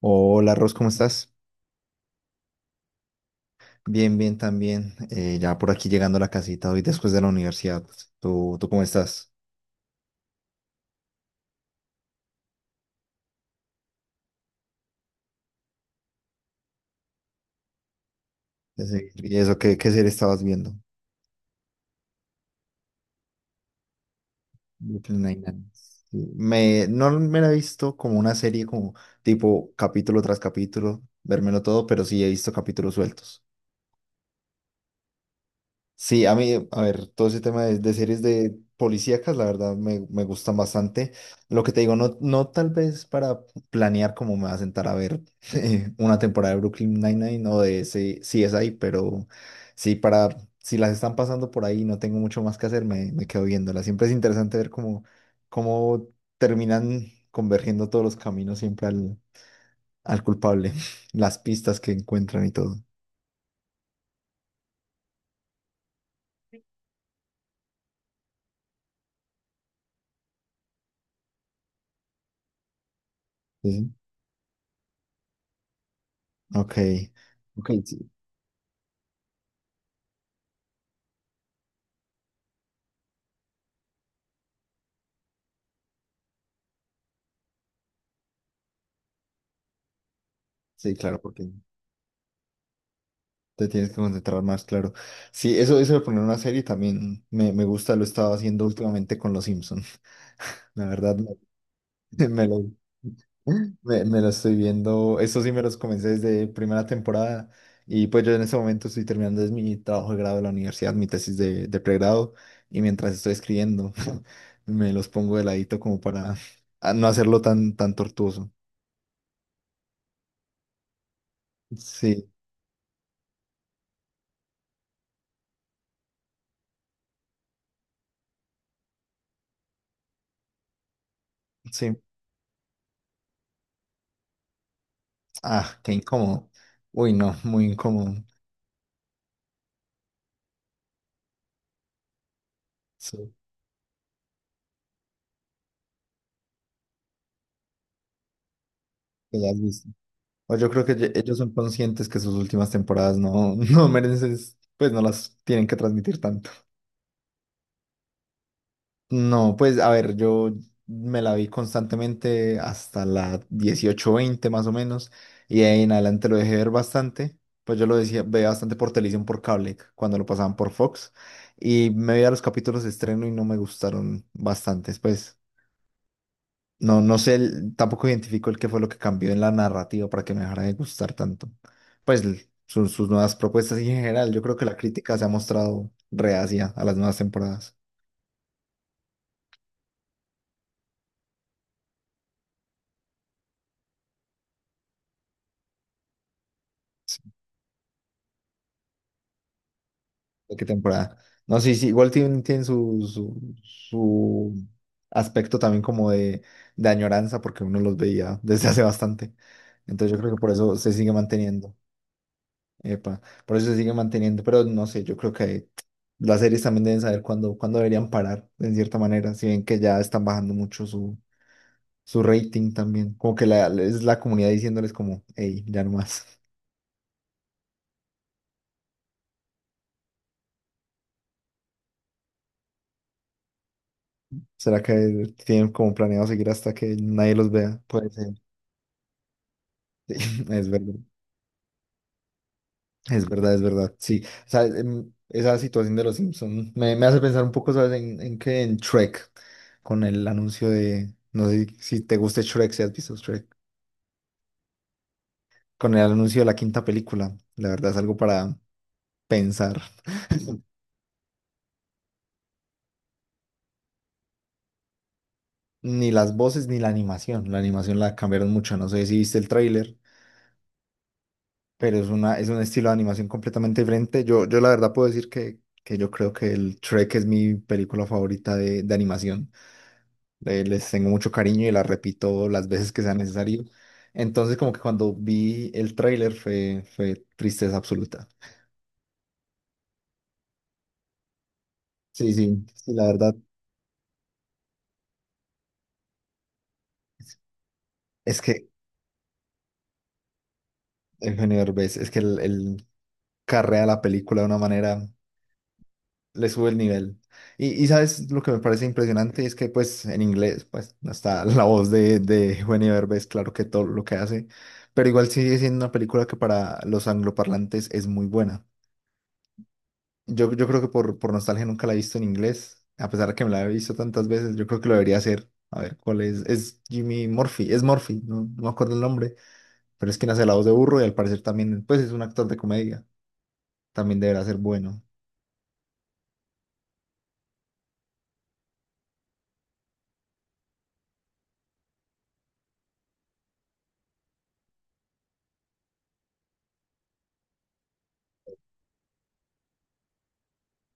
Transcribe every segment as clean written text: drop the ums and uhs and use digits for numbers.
Hola, Ros, ¿cómo estás? Bien, bien, también. Ya por aquí llegando a la casita hoy después de la universidad. ¿¿Tú cómo estás? ¿Y eso qué serie estabas viendo? Brooklyn Nine-Nine. Sí, no me la he visto como una serie, como tipo capítulo tras capítulo, vérmelo todo, pero sí he visto capítulos sueltos. Sí, a mí, a ver, todo ese tema de series de policíacas, la verdad me gustan bastante. Lo que te digo, no tal vez para planear cómo me va a sentar a ver una temporada de Brooklyn Nine-Nine o de ese CSI, pero sí, para, si las están pasando por ahí y no tengo mucho más que hacer, me quedo viéndolas. Siempre es interesante ver cómo terminan convergiendo todos los caminos siempre al culpable, las pistas que encuentran y todo. Sí, ok. Ok, sí, sí, claro, porque te tienes que concentrar más, claro. Sí, eso de poner una serie también me gusta, lo he estado haciendo últimamente con Los Simpson. La verdad, me lo, me lo estoy viendo. Eso sí me los comencé desde primera temporada. Y pues yo en ese momento estoy terminando es mi trabajo de grado de la universidad, mi tesis de pregrado. Y mientras estoy escribiendo, me los pongo de ladito como para ah, no hacerlo tan tortuoso. Sí, sí. Ah, qué incómodo. Uy, no, muy incómodo. Sí, que ya has visto. O yo creo que ellos son conscientes que sus últimas temporadas no, no merecen, pues no las tienen que transmitir tanto. No, pues a ver, yo me la vi constantemente hasta la 18, 20 más o menos, y de ahí en adelante lo dejé ver bastante. Pues yo lo decía, veía bastante por televisión, por cable, cuando lo pasaban por Fox, y me veía los capítulos de estreno y no me gustaron bastantes, pues no, no sé, tampoco identifico el qué fue lo que cambió en la narrativa para que me dejara de gustar tanto. Pues sus nuevas propuestas y en general, yo creo que la crítica se ha mostrado reacia a las nuevas temporadas. Sí. ¿De qué temporada? No, sí, sí, igual tiene su aspecto también como de añoranza porque uno los veía desde hace bastante. Entonces yo creo que por eso se sigue manteniendo. Epa, por eso se sigue manteniendo, pero no sé, yo creo que las series también deben saber cuándo deberían parar, en cierta manera, si ven que ya están bajando mucho su rating también, como que la, es la comunidad diciéndoles como, hey, ya no más, ¿será que tienen como planeado seguir hasta que nadie los vea? Puede ser, sí, es verdad, es verdad, es verdad, sí, o sea, esa situación de los Simpsons me hace pensar un poco, ¿sabes? En qué, en Shrek, con el anuncio de, no sé si te gusta Shrek, si has visto Shrek. Con el anuncio de la quinta película. La verdad es algo para pensar. Ni las voces ni la animación. La animación la cambiaron mucho. No sé si viste el tráiler, pero es una, es un estilo de animación completamente diferente. Yo la verdad puedo decir que yo creo que el Shrek es mi película favorita de animación. Les tengo mucho cariño y la repito las veces que sea necesario. Entonces, como que cuando vi el tráiler fue, fue tristeza absoluta. Sí, sí, sí, la verdad. Es que Eugenio Derbez, es que carrea la película de una manera, le sube el nivel. Y sabes lo que me parece impresionante es que pues en inglés pues no está la voz de Eugenio Derbez, claro que todo lo que hace, pero igual sigue siendo una película que para los angloparlantes es muy buena. Yo creo que por nostalgia nunca la he visto en inglés, a pesar de que me la he visto tantas veces, yo creo que lo debería hacer. A ver, ¿cuál es? Es Jimmy Murphy, es Murphy, no me acuerdo el nombre, pero es quien hace la voz de Burro y al parecer también pues es un actor de comedia, también deberá ser bueno.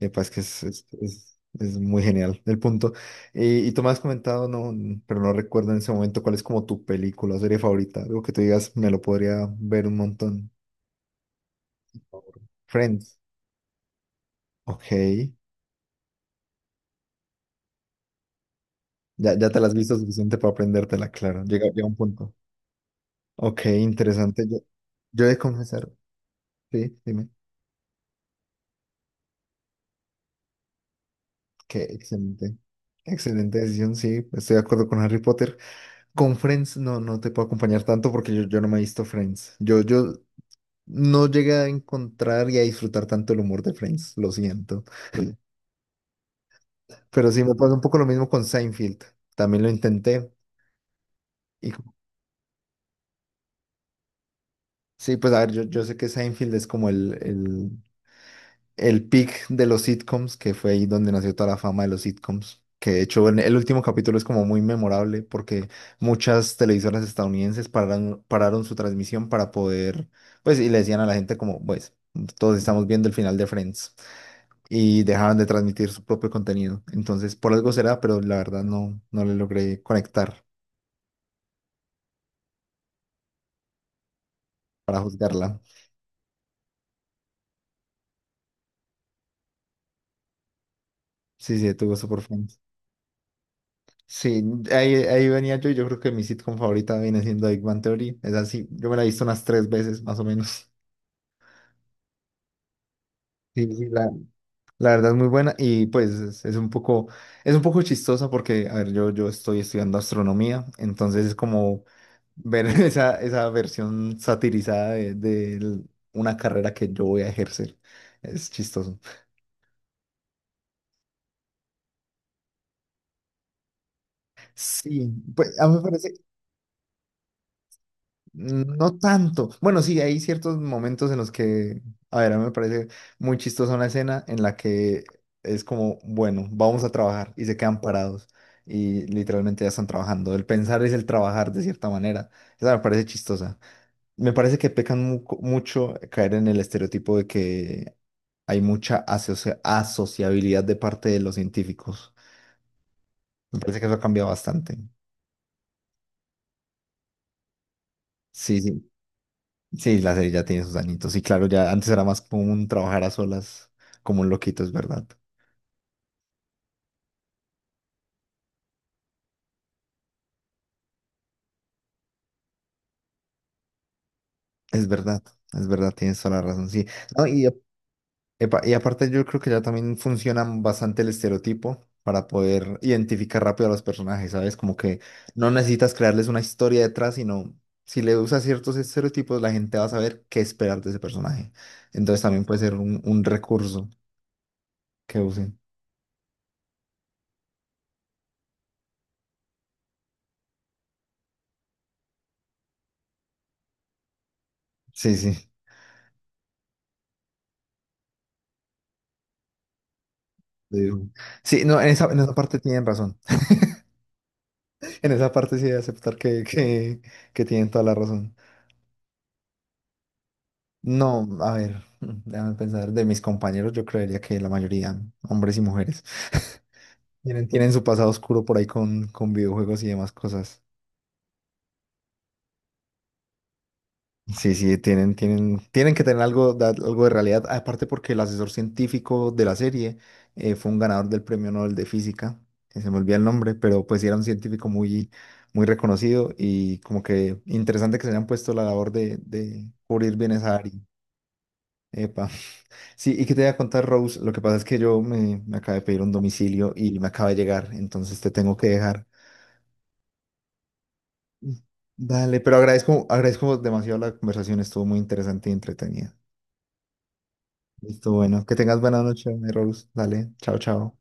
Epa, es que es muy genial el punto. Y tú me has comentado, no, pero no recuerdo en ese momento cuál es como tu película o serie favorita. Algo que tú digas, me lo podría ver un montón. Friends. Ok. Ya, ya te la has visto suficiente para aprendértela, claro. Llega un punto. Ok, interesante. Yo he de confesar, sí, dime, que excelente. Excelente decisión, sí, estoy de acuerdo con Harry Potter. Con Friends no, no te puedo acompañar tanto porque yo no me he visto Friends. Yo no llegué a encontrar y a disfrutar tanto el humor de Friends, lo siento. Pero sí me pasa un poco lo mismo con Seinfeld. También lo intenté. Y sí, pues a ver, yo sé que Seinfeld es como el peak de los sitcoms, que fue ahí donde nació toda la fama de los sitcoms. Que de hecho en el último capítulo es como muy memorable porque muchas televisoras estadounidenses pararon su transmisión para poder, pues, y le decían a la gente como, pues, todos estamos viendo el final de Friends y dejaban de transmitir su propio contenido. Entonces, por algo será, pero la verdad no, no le logré conectar para juzgarla. Sí, sí, tuvo super fans. Sí, ahí venía yo y yo creo que mi sitcom favorita viene siendo Big Bang Theory. Es así, yo me la he visto unas tres veces más o menos. Sí, sí, la verdad es muy buena y pues es un poco chistosa porque, a ver, yo estoy estudiando astronomía, entonces es como ver esa versión satirizada una carrera que yo voy a ejercer. Es chistoso. Sí, pues a mí me parece no tanto. Bueno, sí, hay ciertos momentos en los que, a ver, a mí me parece muy chistosa una escena en la que es como, bueno, vamos a trabajar y se quedan parados y literalmente ya están trabajando. El pensar es el trabajar de cierta manera. Esa me parece chistosa. Me parece que pecan mucho caer en el estereotipo de que hay mucha asociabilidad de parte de los científicos. Me parece que eso ha cambiado bastante. Sí, sí. Sí, la serie ya tiene sus añitos. Y claro, ya antes era más como un trabajar a solas, como un loquito, es verdad. Es verdad, es verdad, tienes toda la razón, sí. No, epa, y aparte yo creo que ya también funciona bastante el estereotipo para poder identificar rápido a los personajes, ¿sabes? Como que no necesitas crearles una historia detrás, sino si le usas ciertos estereotipos, la gente va a saber qué esperar de ese personaje. Entonces también puede ser un recurso que usen. Sí, sí, te digo. Sí, no, en en esa parte tienen razón. En esa parte sí de aceptar que tienen toda la razón. No, a ver, déjame pensar, de mis compañeros yo creería que la mayoría, hombres y mujeres, tienen su pasado oscuro por ahí con videojuegos y demás cosas. Sí, sí, tienen que tener algo, algo de realidad, aparte porque el asesor científico de la serie fue un ganador del premio Nobel de Física, que se me olvida el nombre, pero pues sí era un científico muy, muy reconocido y como que interesante que se hayan puesto la labor de cubrir bienes a Ari. Sí, y que te voy a contar, Rose, lo que pasa es que yo me acabé de pedir un domicilio y me acaba de llegar, entonces te tengo que dejar. Mm. Dale, pero agradezco, agradezco demasiado la conversación, estuvo muy interesante y entretenida. Listo, bueno, que tengas buena noche, Rose. Dale, chao, chao.